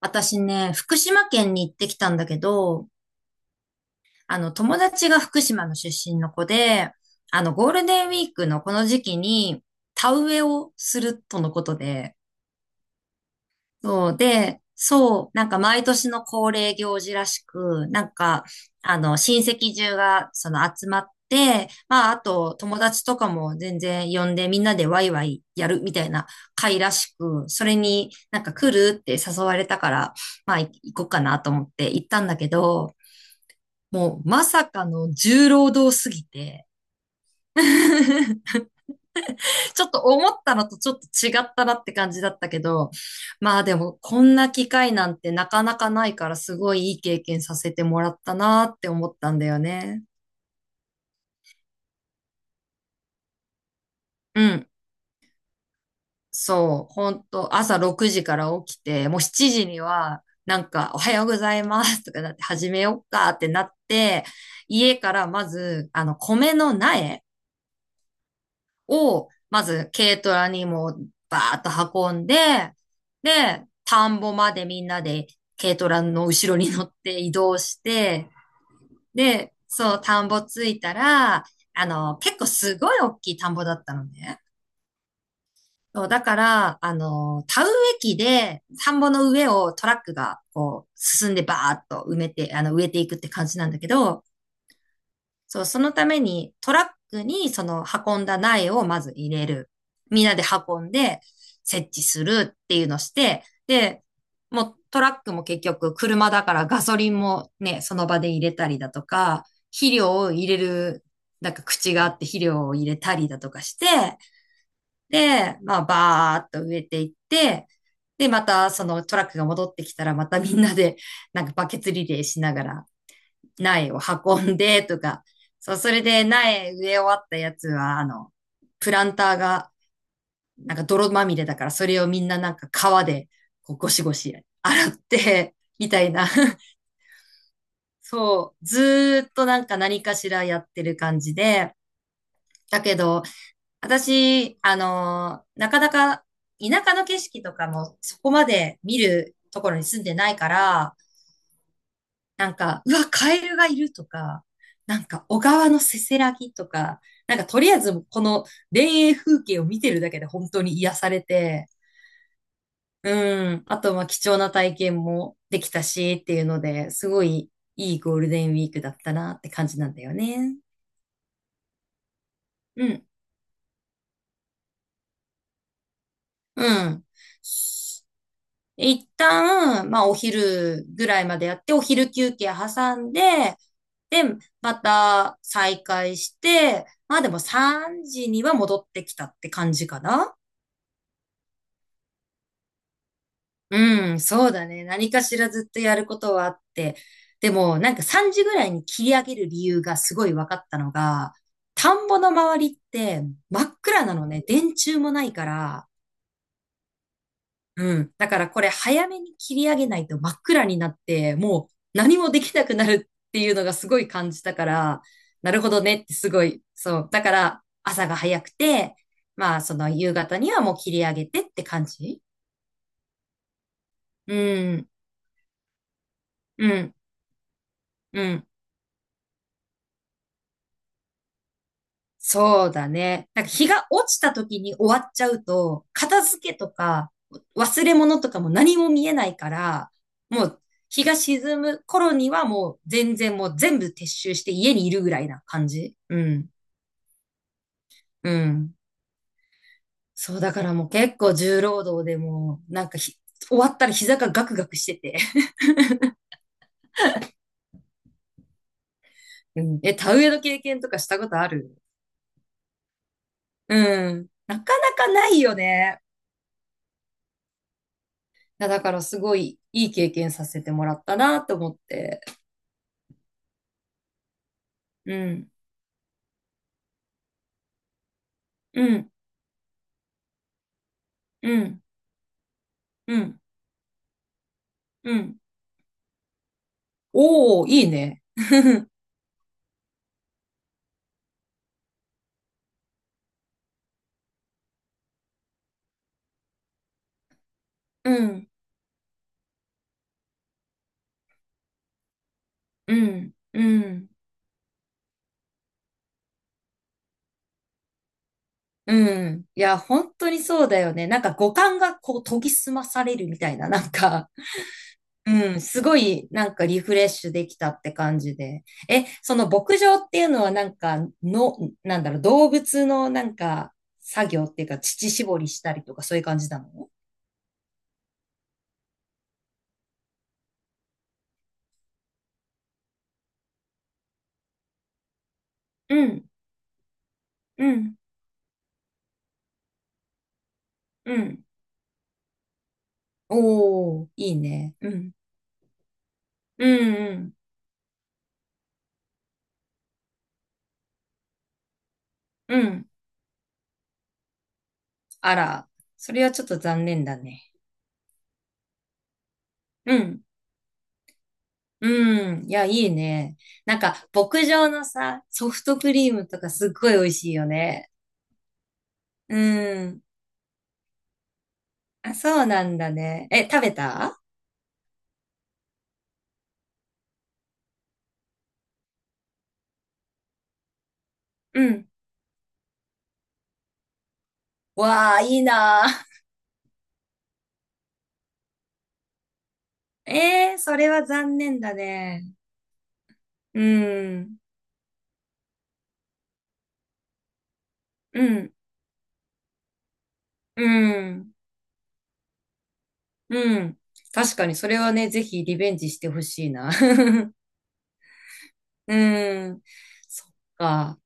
私ね、福島県に行ってきたんだけど、友達が福島の出身の子で、ゴールデンウィークのこの時期に、田植えをするとのことで、そう、毎年の恒例行事らしく、親戚中が集まって、まあ、あと友達とかも全然呼んでみんなでワイワイやるみたいな会らしく、それに来るって誘われたから、まあ、行こうかなと思って行ったんだけど、もうまさかの重労働すぎて、ちょっと思ったのとちょっと違ったなって感じだったけど、まあでもこんな機会なんてなかなかないからすごいいい経験させてもらったなって思ったんだよね。うん。そう、ほんと、朝6時から起きて、もう7時には、おはようございますとかなって、始めよっかってなって、家からまず、米の苗を、まず軽トラにもうバーッと運んで、で、田んぼまでみんなで軽トラの後ろに乗って移動して、で、そう、田んぼ着いたら、結構すごい大きい田んぼだったのね。そうだから、田植え機で田んぼの上をトラックがこう進んでバーッと埋めて、植えていくって感じなんだけど、そう、そのためにトラックにその運んだ苗をまず入れる。みんなで運んで設置するっていうのして、で、もうトラックも結局車だからガソリンもね、その場で入れたりだとか、肥料を入れる、口があって肥料を入れたりだとかして、で、まあバーっと植えていって、で、またそのトラックが戻ってきたらまたみんなでバケツリレーしながら苗を運んでとか、そう、それで苗植え終わったやつは、プランターが泥まみれだから、それをみんな川でこうゴシゴシ洗ってみたいな。そう、ずーっと何かしらやってる感じで、だけど、私、なかなか田舎の景色とかもそこまで見るところに住んでないから、うわ、カエルがいるとか、小川のせせらぎとか、とりあえず、この田園風景を見てるだけで本当に癒されて、うん、あと、まあ、貴重な体験もできたし、っていうので、すごいいいゴールデンウィークだったなって感じなんだよね。うん。うん。一旦、まあ、お昼ぐらいまでやって、お昼休憩挟んで、で、また再開して、まあでも3時には戻ってきたって感じかな。うん、そうだね。何かしらずっとやることはあって。でも、3時ぐらいに切り上げる理由がすごい分かったのが、田んぼの周りって真っ暗なのね。電柱もないから、うん。だからこれ早めに切り上げないと真っ暗になって、もう何もできなくなるっていうのがすごい感じたから、なるほどねってすごい、そう。だから朝が早くて、まあその夕方にはもう切り上げてって感じ。うん、うん、うん。そうだね。なんか日が落ちた時に終わっちゃうと、片付けとか忘れ物とかも何も見えないから、もう日が沈む頃にはもう全然もう全部撤収して家にいるぐらいな感じ。うん。うん。そうだからもう結構重労働でもうなんかひ終わったら膝がガクガクしてて。うん。え、田植えの経験とかしたことある？うん。なかなかないよね。いやだからすごいいい経験させてもらったなと思って。うん。うん、うん、うん、うん。おー、いいね。うん、うん、うん、うん。いや、本当にそうだよね。五感がこう研ぎ澄まされるみたいな、うん、すごいリフレッシュできたって感じで。え、その牧場っていうのはなんか、の、なんだろう、動物の作業っていうか、乳搾りしたりとかそういう感じなの？うん、うん、うん。おー、いいね。うん、うん、うん、うん。あら、それはちょっと残念だね。うん。うん。いや、いいね。なんか、牧場のさ、ソフトクリームとかすっごい美味しいよね。うん。あ、そうなんだね。え、食べた？うん。わあ、いいなあ。ええー、それは残念だね。うん。うん。うん。うん。確かに、それはね、ぜひリベンジしてほしいな。うん。そっか。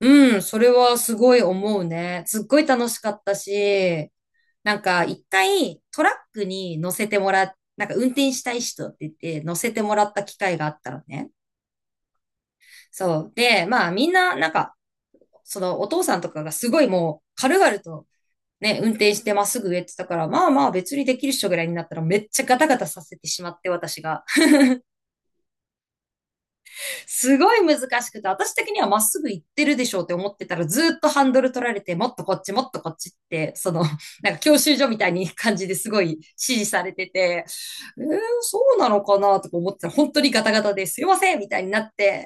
うん、それはすごい思うね。すっごい楽しかったし、なんか一回トラックに乗せてもらっ、なんか運転したい人って言って乗せてもらった機会があったのね。そう。で、まあみんなそのお父さんとかがすごいもう軽々とね、運転してまっすぐ上って言ってたから、まあまあ別にできる人ぐらいになったらめっちゃガタガタさせてしまって私が。すごい難しくて、私的にはまっすぐ行ってるでしょうって思ってたら、ずーっとハンドル取られて、もっとこっち、もっとこっちって、その、なんか教習所みたいに感じですごい指示されてて、えー、そうなのかなとか思ってたら、本当にガタガタですいませんみたいになって、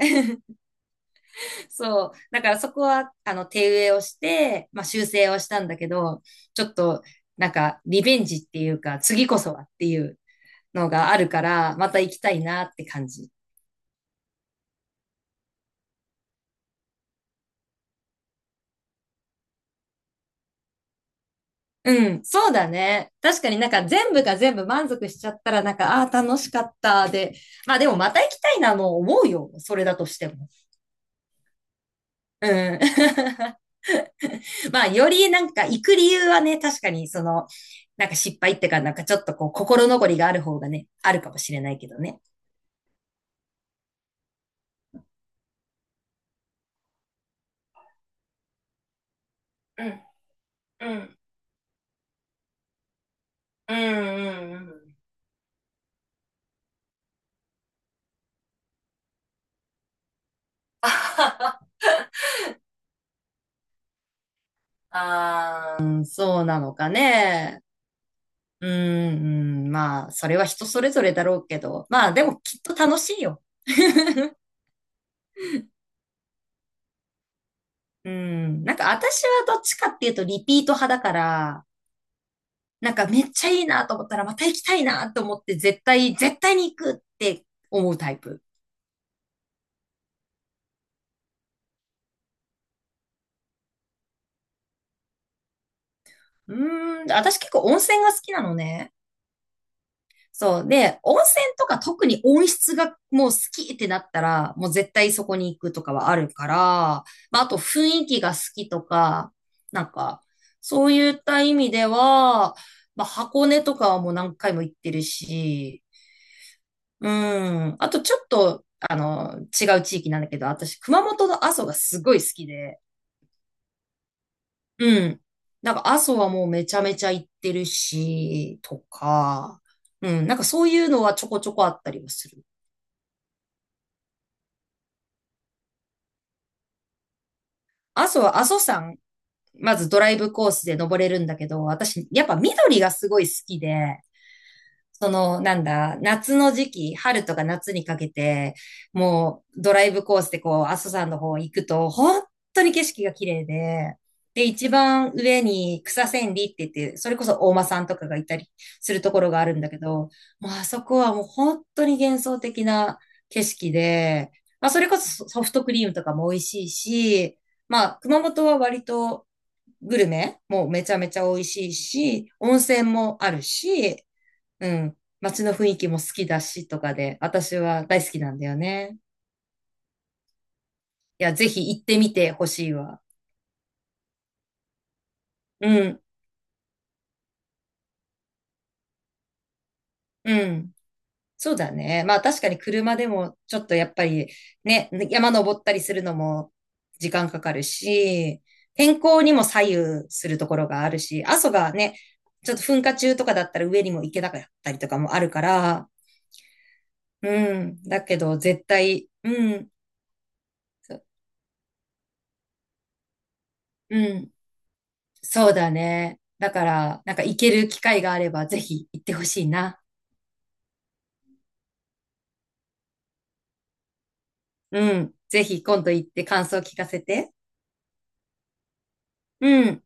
そう。だからそこは、手植えをして、まあ、修正をしたんだけど、ちょっと、リベンジっていうか、次こそはっていうのがあるから、また行きたいなって感じ。うん、そうだね。確かに全部が全部満足しちゃったらなんか、ああー、楽しかったで。まあでもまた行きたいなも思うよ。それだとしても。うん。まあより行く理由はね、確かにその、失敗ってか、ちょっとこう心残りがある方がね、あるかもしれないけどね。うん、うん、うん、うん、うん あははあーうん、そうなのかね。うーん、まあ、それは人それぞれだろうけど、まあ、でもきっと楽しいよ。うん、なんか私はどっちかっていうとリピート派だから、なんかめっちゃいいなと思ったらまた行きたいなと思って絶対、絶対に行くって思うタイプ。うーん、私結構温泉が好きなのね。そう。で、温泉とか特に温室がもう好きってなったら、もう絶対そこに行くとかはあるから、まあ、あと雰囲気が好きとか、なんか、そういった意味では、まあ、箱根とかはもう何回も行ってるし、うん。あとちょっと、違う地域なんだけど、私、熊本の阿蘇がすごい好きで、うん。なんか阿蘇はもうめちゃめちゃ行ってるし、とか、うん。なんかそういうのはちょこちょこあったりはする。阿蘇は阿蘇山、まずドライブコースで登れるんだけど、私、やっぱ緑がすごい好きで、その、なんだ、夏の時期、春とか夏にかけて、もうドライブコースでこう、阿蘇山の方行くと、本当に景色が綺麗で、で、一番上に草千里って言って、それこそ大間さんとかがいたりするところがあるんだけど、もうあそこはもう本当に幻想的な景色で、まあ、それこそソフトクリームとかも美味しいし、まあ、熊本は割とグルメもめちゃめちゃ美味しいし、温泉もあるし、うん。街の雰囲気も好きだしとかで、私は大好きなんだよね。いや、ぜひ行ってみてほしいわ。うん、うん。そうだね。まあ確かに車でもちょっとやっぱりね、山登ったりするのも時間かかるし、天候にも左右するところがあるし、阿蘇がね、ちょっと噴火中とかだったら上にも行けなかったりとかもあるから、うん。だけど絶対、うん、そううん。そうだね。だから、なんか行ける機会があれば、ぜひ行ってほしいな。うん。ぜひ今度行って感想聞かせて。うん。